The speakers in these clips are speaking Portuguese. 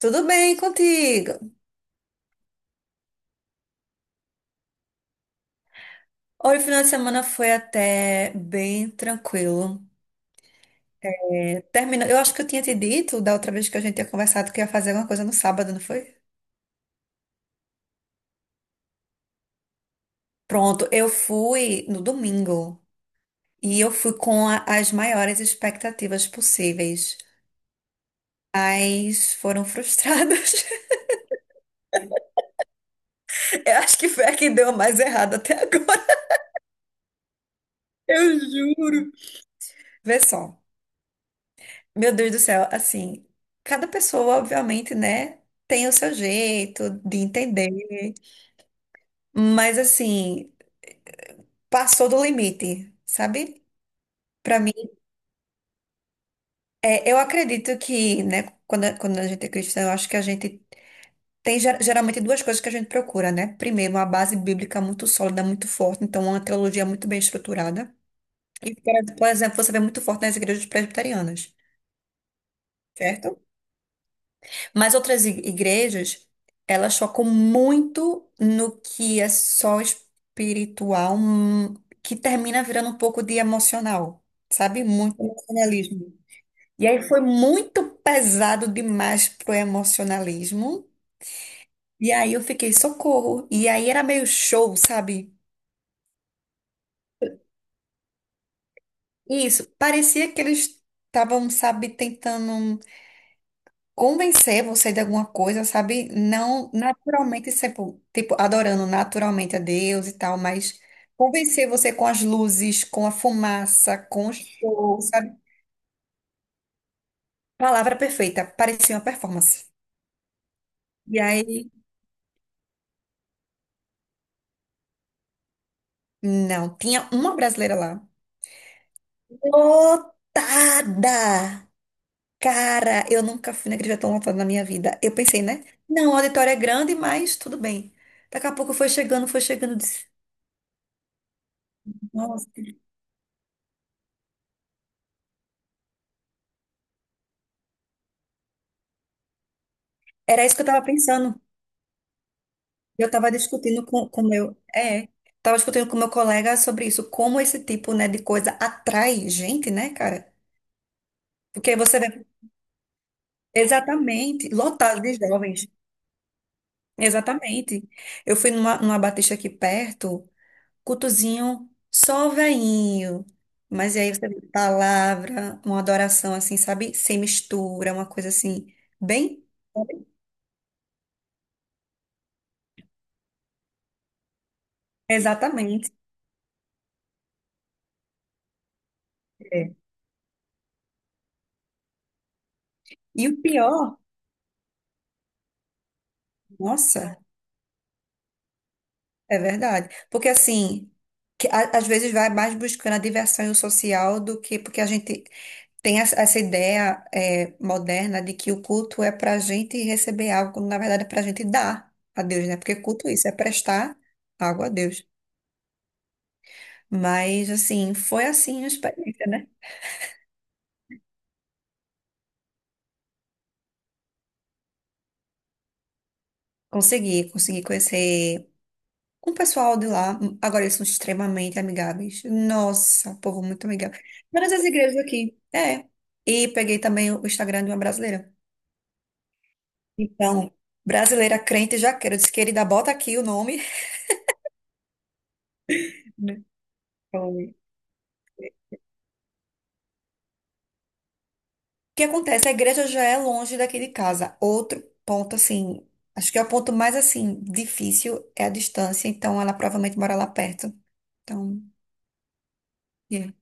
Tudo bem contigo? Olha, o final de semana foi até bem tranquilo. É, eu acho que eu tinha te dito da outra vez que a gente tinha conversado que ia fazer alguma coisa no sábado, não foi? Pronto, eu fui no domingo e eu fui com as maiores expectativas possíveis, mas foram frustradas. Eu acho que foi a que deu mais errado até agora. Eu juro. Vê só. Meu Deus do céu, assim, cada pessoa, obviamente, né, tem o seu jeito de entender. Mas assim, passou do limite, sabe? Pra mim, eu acredito que, né, quando a gente é cristã, eu acho que a gente tem geralmente duas coisas que a gente procura, né? Primeiro, uma base bíblica muito sólida, muito forte, então uma teologia muito bem estruturada. E, por exemplo, você vê muito forte nas igrejas presbiterianas, certo? Mas outras igrejas, elas focam muito no que é só espiritual, que termina virando um pouco de emocional, sabe? Muito emocionalismo. E aí foi muito pesado demais pro emocionalismo. E aí eu fiquei, socorro. E aí era meio show, sabe? Isso, parecia que eles estavam, sabe, tentando convencer você de alguma coisa, sabe? Não naturalmente, tipo, adorando naturalmente a Deus e tal, mas convencer você com as luzes, com a fumaça, com o show, sabe? Palavra perfeita, parecia uma performance. E aí, não, tinha uma brasileira lá, lotada! Cara, eu nunca fui na igreja tão lotada na minha vida. Eu pensei, né? Não, o auditório é grande, mas tudo bem. Daqui a pouco foi chegando, eu disse, nossa, era isso que eu tava pensando. Eu estava discutindo com meu colega sobre isso, como esse tipo, né, de coisa atrai gente, né, cara? Porque você vê exatamente lotado de jovens. Exatamente. Eu fui numa batista aqui perto, cultozinho só veinho. Mas e aí você vê palavra, uma adoração assim, sabe? Sem mistura, uma coisa assim, bem. Exatamente. É. E o pior, nossa. É verdade. Porque assim, às vezes vai mais buscando a diversão e o social do que porque a gente tem essa ideia moderna de que o culto é para a gente receber algo, quando na verdade é para a gente dar a Deus, né? Porque culto é isso, é prestar algo a Deus. Mas assim, foi assim a experiência, né? Consegui, consegui conhecer um pessoal de lá. Agora eles são extremamente amigáveis. Nossa, povo muito amigável. Mas as igrejas aqui, é. E peguei também o Instagram de uma brasileira. Então, brasileira crente jaqueira, eu disse, querida, bota aqui o nome. né? Então, o que acontece? A igreja já é longe daqui de casa. Outro ponto, assim, acho que é o ponto mais, assim, difícil é a distância. Então, ela provavelmente mora lá perto. Então, é.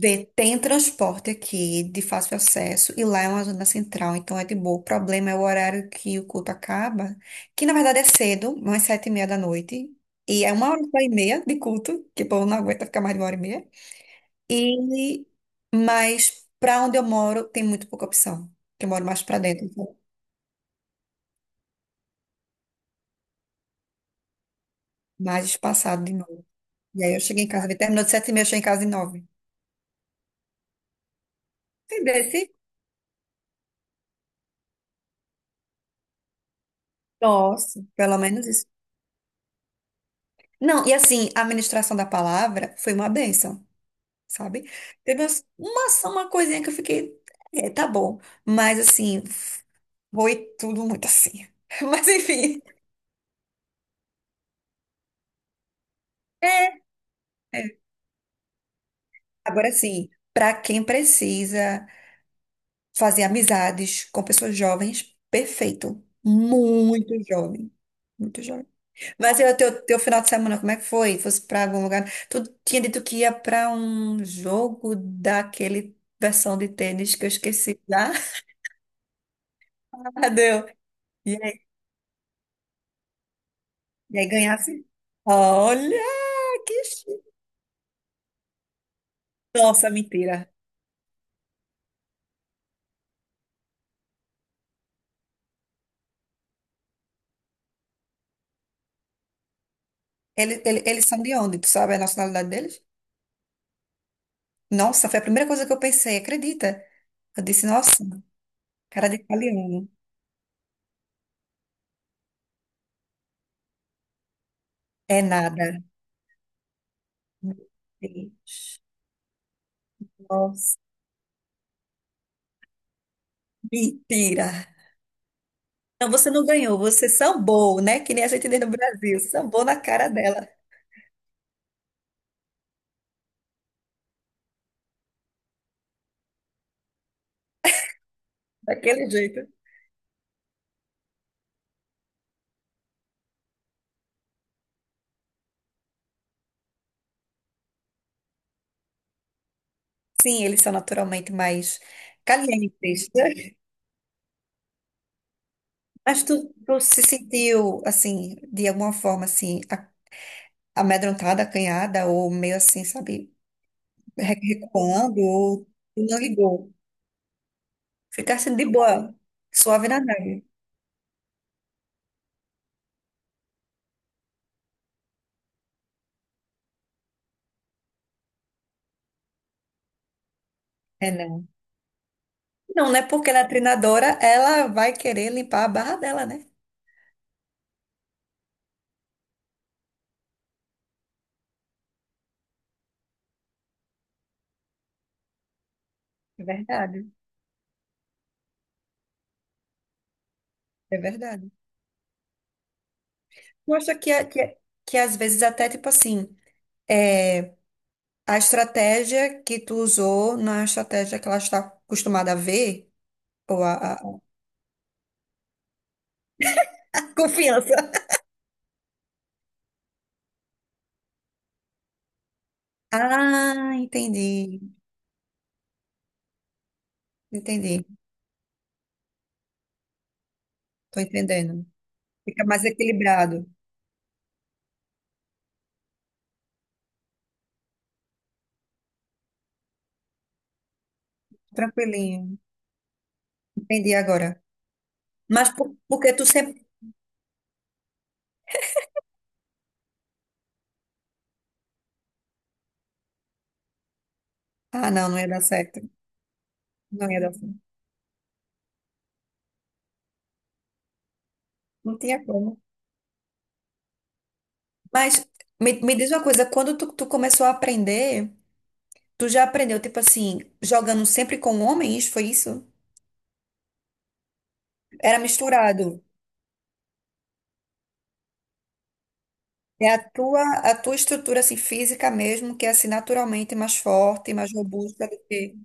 Vê, tem transporte aqui de fácil acesso e lá é uma zona central, então é de boa. O problema é o horário que o culto acaba, que na verdade é cedo, umas 7:30 da noite. E é uma hora e meia de culto, que o povo não aguenta ficar mais de uma hora e meia. E, mas para onde eu moro tem muito pouca opção. Que eu moro mais para dentro, então, mais espaçado de novo. E aí eu cheguei em casa, terminou de 7:30, eu cheguei em casa de nove. Entendesse? Nossa, pelo menos isso. Não, e assim, a ministração da palavra foi uma bênção, sabe? Teve uma coisinha que eu fiquei, é, tá bom. Mas assim, foi tudo muito assim. Mas enfim. É, é. Agora sim, para quem precisa fazer amizades com pessoas jovens, perfeito. Muito jovem. Muito jovem. Mas e o teu final de semana, como é que foi? Fosse pra algum lugar? Tu tinha dito que ia pra um jogo daquele versão de tênis que eu esqueci já. Ah, deu. E aí, e aí, ganhasse? Olha, que chique. Nossa, mentira. Eles são de onde? Tu sabe a nacionalidade deles? Nossa, foi a primeira coisa que eu pensei, acredita? Eu disse, nossa, cara de italiano. É nada. Meu Deus. Nossa, mentira. Não, você não ganhou, você sambou, né? Que nem a gente tem no Brasil, sambou na cara dela, daquele jeito. Sim, eles são naturalmente mais calientes, né? Mas tu se sentiu, assim, de alguma forma, assim, amedrontada, acanhada, ou meio assim, sabe, recuando, ou tu não ligou. Ficasse de boa, suave na neve. É, não. Não, né? Porque ela é treinadora, ela vai querer limpar a barra dela, né? É verdade, é verdade. Eu acho que às vezes até tipo assim, é, a estratégia que tu usou não é a estratégia que ela está acostumada a ver, ou a confiança. Ah, entendi, entendi, tô entendendo. Fica mais equilibrado, tranquilinho, entendi agora. Mas porque tu sempre... Ah, não, não ia dar certo, não ia dar certo, não tinha como. Mas me diz uma coisa, quando tu começou a aprender... Tu já aprendeu, tipo assim, jogando sempre com homens, foi isso? Era misturado. É a tua estrutura assim, física mesmo, que é assim naturalmente mais forte, mais robusta do que.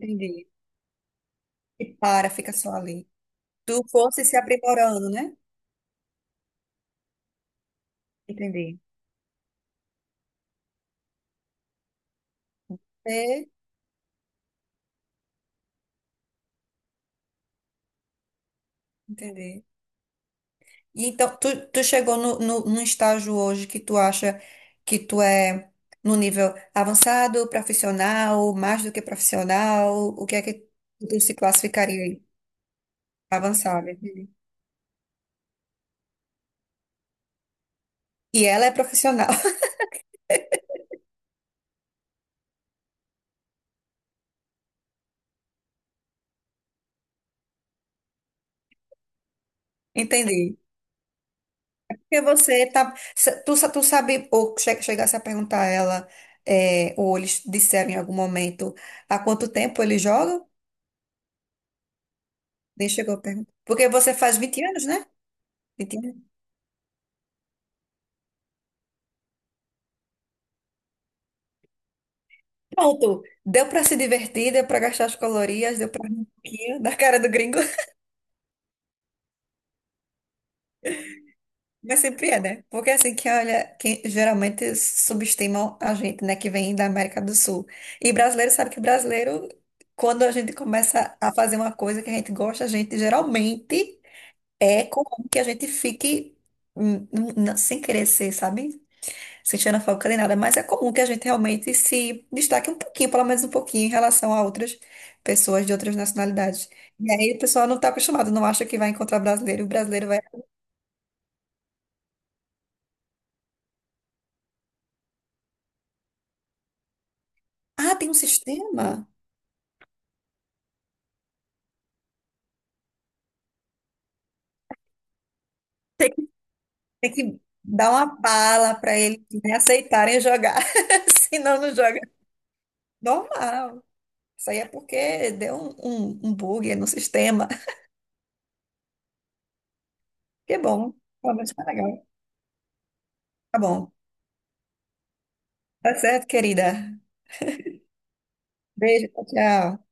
Entendi. E para, fica só ali. Tu fosse se aprimorando, né? Entendi. É, entendi. E então, tu chegou no, no, num estágio hoje que tu acha que tu é no nível avançado, profissional, mais do que profissional, o que é que tu se classificaria aí? Avançado. E ela é profissional, entendi. Porque você tá. se- Tu, sa- tu sabe, ou chegasse a perguntar a ela, é, ou eles disseram em algum momento há quanto tempo ele joga? Nem chegou a perguntar. Porque você faz 20 anos, né? 20 anos. Pronto. Deu pra se divertir, deu pra gastar as calorias, deu pra rir um pouquinho da cara do gringo. Mas sempre é, né? Porque é assim, que olha, que geralmente subestimam a gente, né, que vem da América do Sul. E brasileiro sabe que brasileiro, quando a gente começa a fazer uma coisa que a gente gosta, a gente geralmente é comum que a gente fique sem querer ser, sabe? Sem xenofóbica nem nada, mas é comum que a gente realmente se destaque um pouquinho, pelo menos um pouquinho, em relação a outras pessoas de outras nacionalidades. E aí o pessoal não tá acostumado, não acha que vai encontrar brasileiro, e o brasileiro vai. Ah, tem um sistema? Tem que dar uma bala para eles né, aceitarem jogar. Senão não joga normal. Isso aí é porque deu um bug no sistema. Que bom. Pelo menos tá legal. Tá bom. Tá certo, querida. Beijo, tchau. Tchau.